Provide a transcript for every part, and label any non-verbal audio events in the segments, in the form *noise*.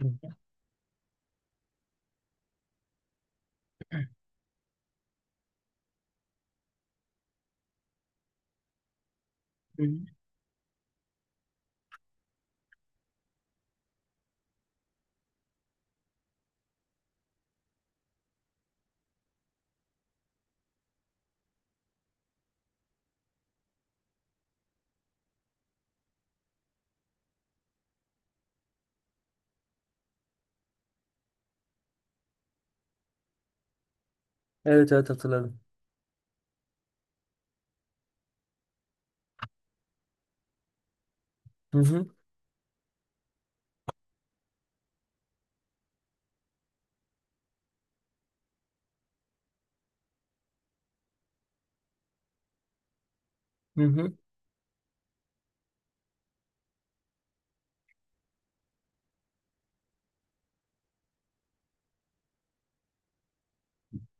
Evet evet hatırladım. Hı hı. Hı hı.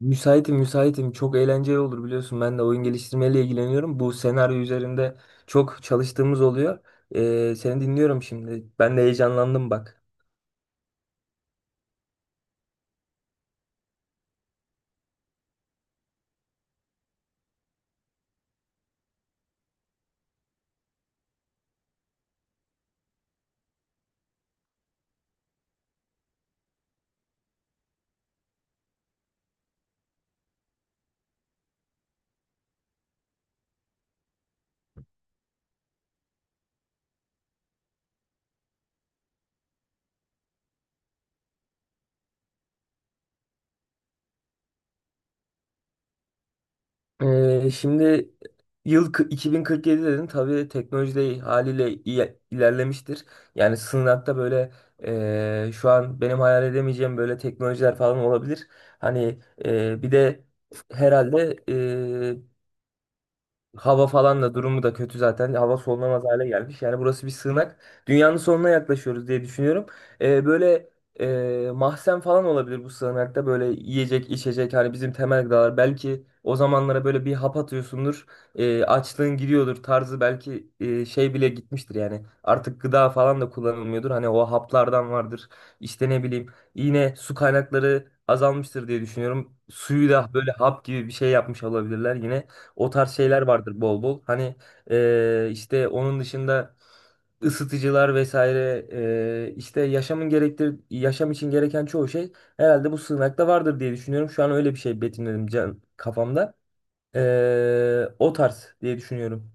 Müsaitim müsaitim. Çok eğlenceli olur biliyorsun. Ben de oyun geliştirmeyle ilgileniyorum. Bu senaryo üzerinde çok çalıştığımız oluyor. Seni dinliyorum şimdi. Ben de heyecanlandım bak. Şimdi 2047 dedin. Tabii teknoloji de haliyle ilerlemiştir. Yani sınavda böyle şu an benim hayal edemeyeceğim böyle teknolojiler falan olabilir. Hani bir de herhalde hava falan da durumu da kötü zaten. Hava solunamaz hale gelmiş. Yani burası bir sığınak. Dünyanın sonuna yaklaşıyoruz diye düşünüyorum. Böyle mahzen falan olabilir bu sığınakta. Böyle yiyecek, içecek hani bizim temel gıdalar. Belki o zamanlara böyle bir hap atıyorsundur. Açlığın gidiyordur tarzı belki şey bile gitmiştir yani. Artık gıda falan da kullanılmıyordur. Hani o haplardan vardır. İşte ne bileyim, yine su kaynakları azalmıştır diye düşünüyorum. Suyu da böyle hap gibi bir şey yapmış olabilirler yine. O tarz şeyler vardır bol bol. Hani işte onun dışında ısıtıcılar vesaire, işte yaşam için gereken çoğu şey herhalde bu sığınakta vardır diye düşünüyorum. Şu an öyle bir şey betimledim can kafamda. O tarz diye düşünüyorum.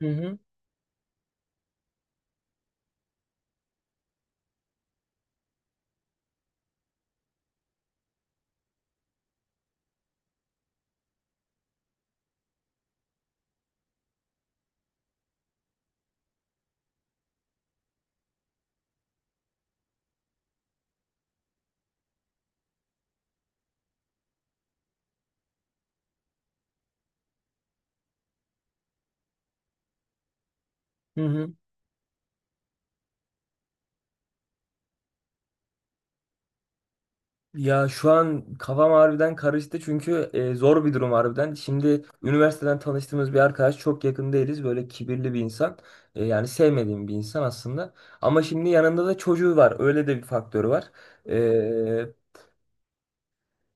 Hı hı, hı hı. Ya şu an kafam harbiden karıştı çünkü zor bir durum harbiden. Şimdi üniversiteden tanıştığımız bir arkadaş, çok yakın değiliz. Böyle kibirli bir insan. Yani sevmediğim bir insan aslında. Ama şimdi yanında da çocuğu var. Öyle de bir faktörü var. E,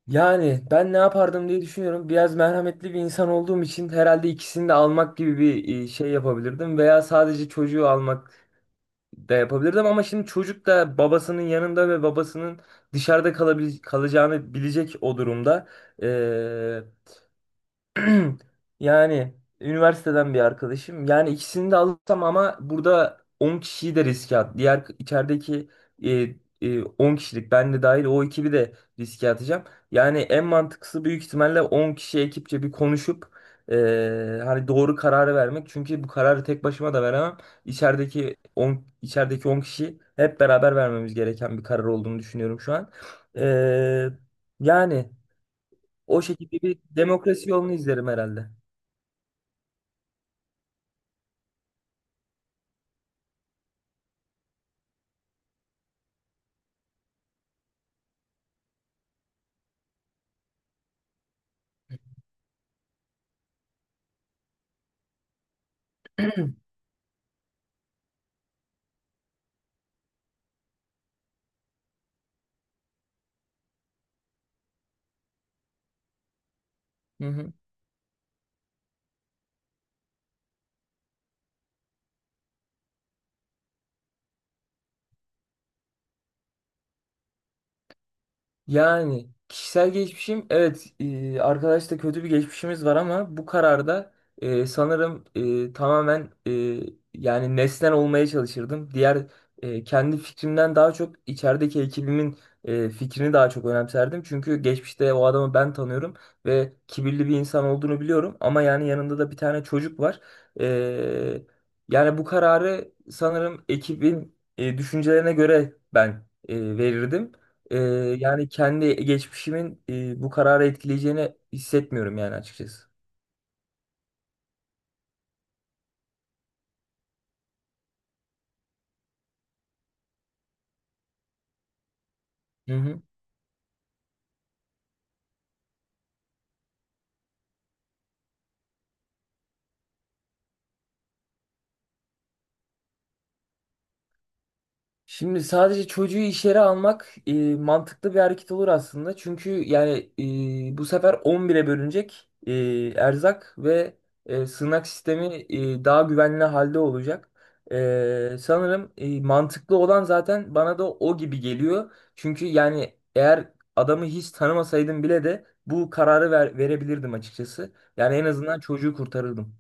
Yani ben ne yapardım diye düşünüyorum. Biraz merhametli bir insan olduğum için herhalde ikisini de almak gibi bir şey yapabilirdim. Veya sadece çocuğu almak de yapabilirdim ama şimdi çocuk da babasının yanında ve babasının dışarıda kalacağını bilecek o durumda. *clears throat* Yani üniversiteden bir arkadaşım. Yani ikisini de alırsam ama burada 10 kişiyi de riske at. Diğer içerideki e, 10 kişilik, ben de dahil, o ekibi de riske atacağım. Yani en mantıklısı büyük ihtimalle 10 kişi ekipçe bir konuşup hani doğru kararı vermek. Çünkü bu kararı tek başıma da veremem. İçerideki on kişi hep beraber vermemiz gereken bir karar olduğunu düşünüyorum şu an. E, Yani o şekilde bir demokrasi yolunu izlerim herhalde. Hı hı. Yani kişisel geçmişim, evet, arkadaşla kötü bir geçmişimiz var ama bu kararda sanırım e, tamamen e, yani nesnel olmaya çalışırdım. Kendi fikrimden daha çok içerideki ekibimin fikrini daha çok önemserdim. Çünkü geçmişte o adamı ben tanıyorum ve kibirli bir insan olduğunu biliyorum ama yani yanında da bir tane çocuk var. E, Yani bu kararı sanırım ekibin düşüncelerine göre ben verirdim. Ee, Yani kendi geçmişimin bu kararı etkileyeceğini hissetmiyorum yani açıkçası. Hı hı. Şimdi sadece çocuğu iş yere almak mantıklı bir hareket olur aslında. Çünkü yani bu sefer 11'e bölünecek erzak ve sığınak sistemi daha güvenli halde olacak. Sanırım mantıklı olan zaten bana da o gibi geliyor. Çünkü yani eğer adamı hiç tanımasaydım bile de bu kararı verebilirdim açıkçası. Yani en azından çocuğu kurtarırdım.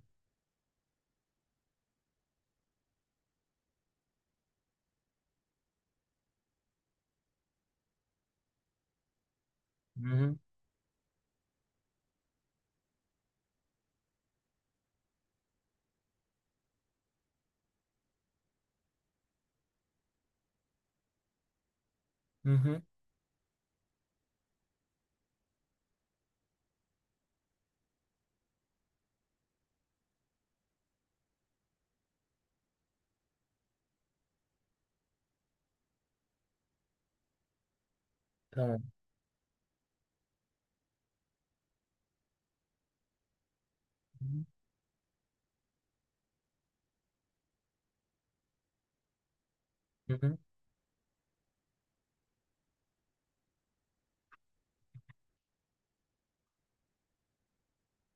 Hı hı, hı hı, tamam. Hı hı,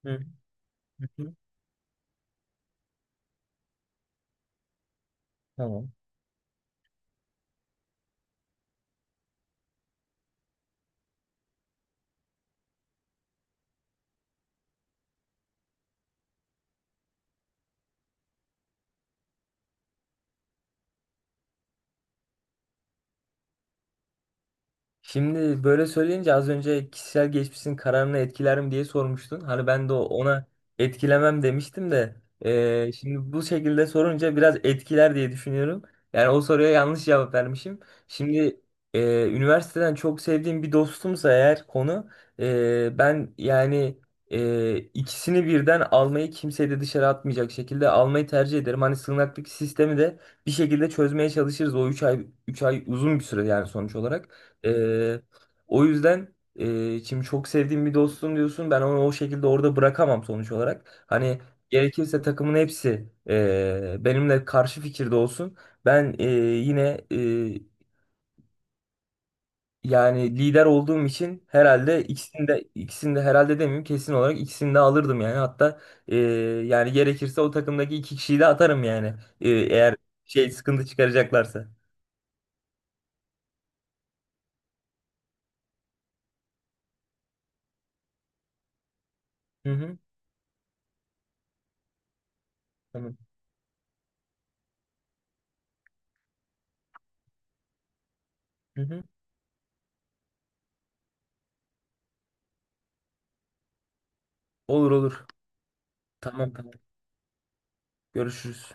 hı hı, hı hı, tamam. Şimdi böyle söyleyince az önce kişisel geçmişin kararını etkiler mi diye sormuştun. Hani ben de ona etkilemem demiştim de şimdi bu şekilde sorunca biraz etkiler diye düşünüyorum. Yani o soruya yanlış cevap vermişim. Şimdi eee, üniversiteden çok sevdiğim bir dostumsa eğer konu, ben yani ikisini birden almayı, kimseyi de dışarı atmayacak şekilde almayı tercih ederim. Hani sığınaklık sistemi de bir şekilde çözmeye çalışırız. O üç ay uzun bir süre yani sonuç olarak. Ee, O yüzden şimdi çok sevdiğim bir dostum diyorsun. Ben onu o şekilde orada bırakamam sonuç olarak. Hani gerekirse takımın hepsi benimle karşı fikirde olsun. Ben e, yine e, Yani lider olduğum için herhalde ikisini de herhalde demeyeyim, kesin olarak ikisini de alırdım yani. Hatta e, yani gerekirse o takımdaki iki kişiyi de atarım yani. Eğer şey sıkıntı çıkaracaklarsa. Hı hı. Tamam. Hı hı. Olur olur. Tamam tamam. Görüşürüz.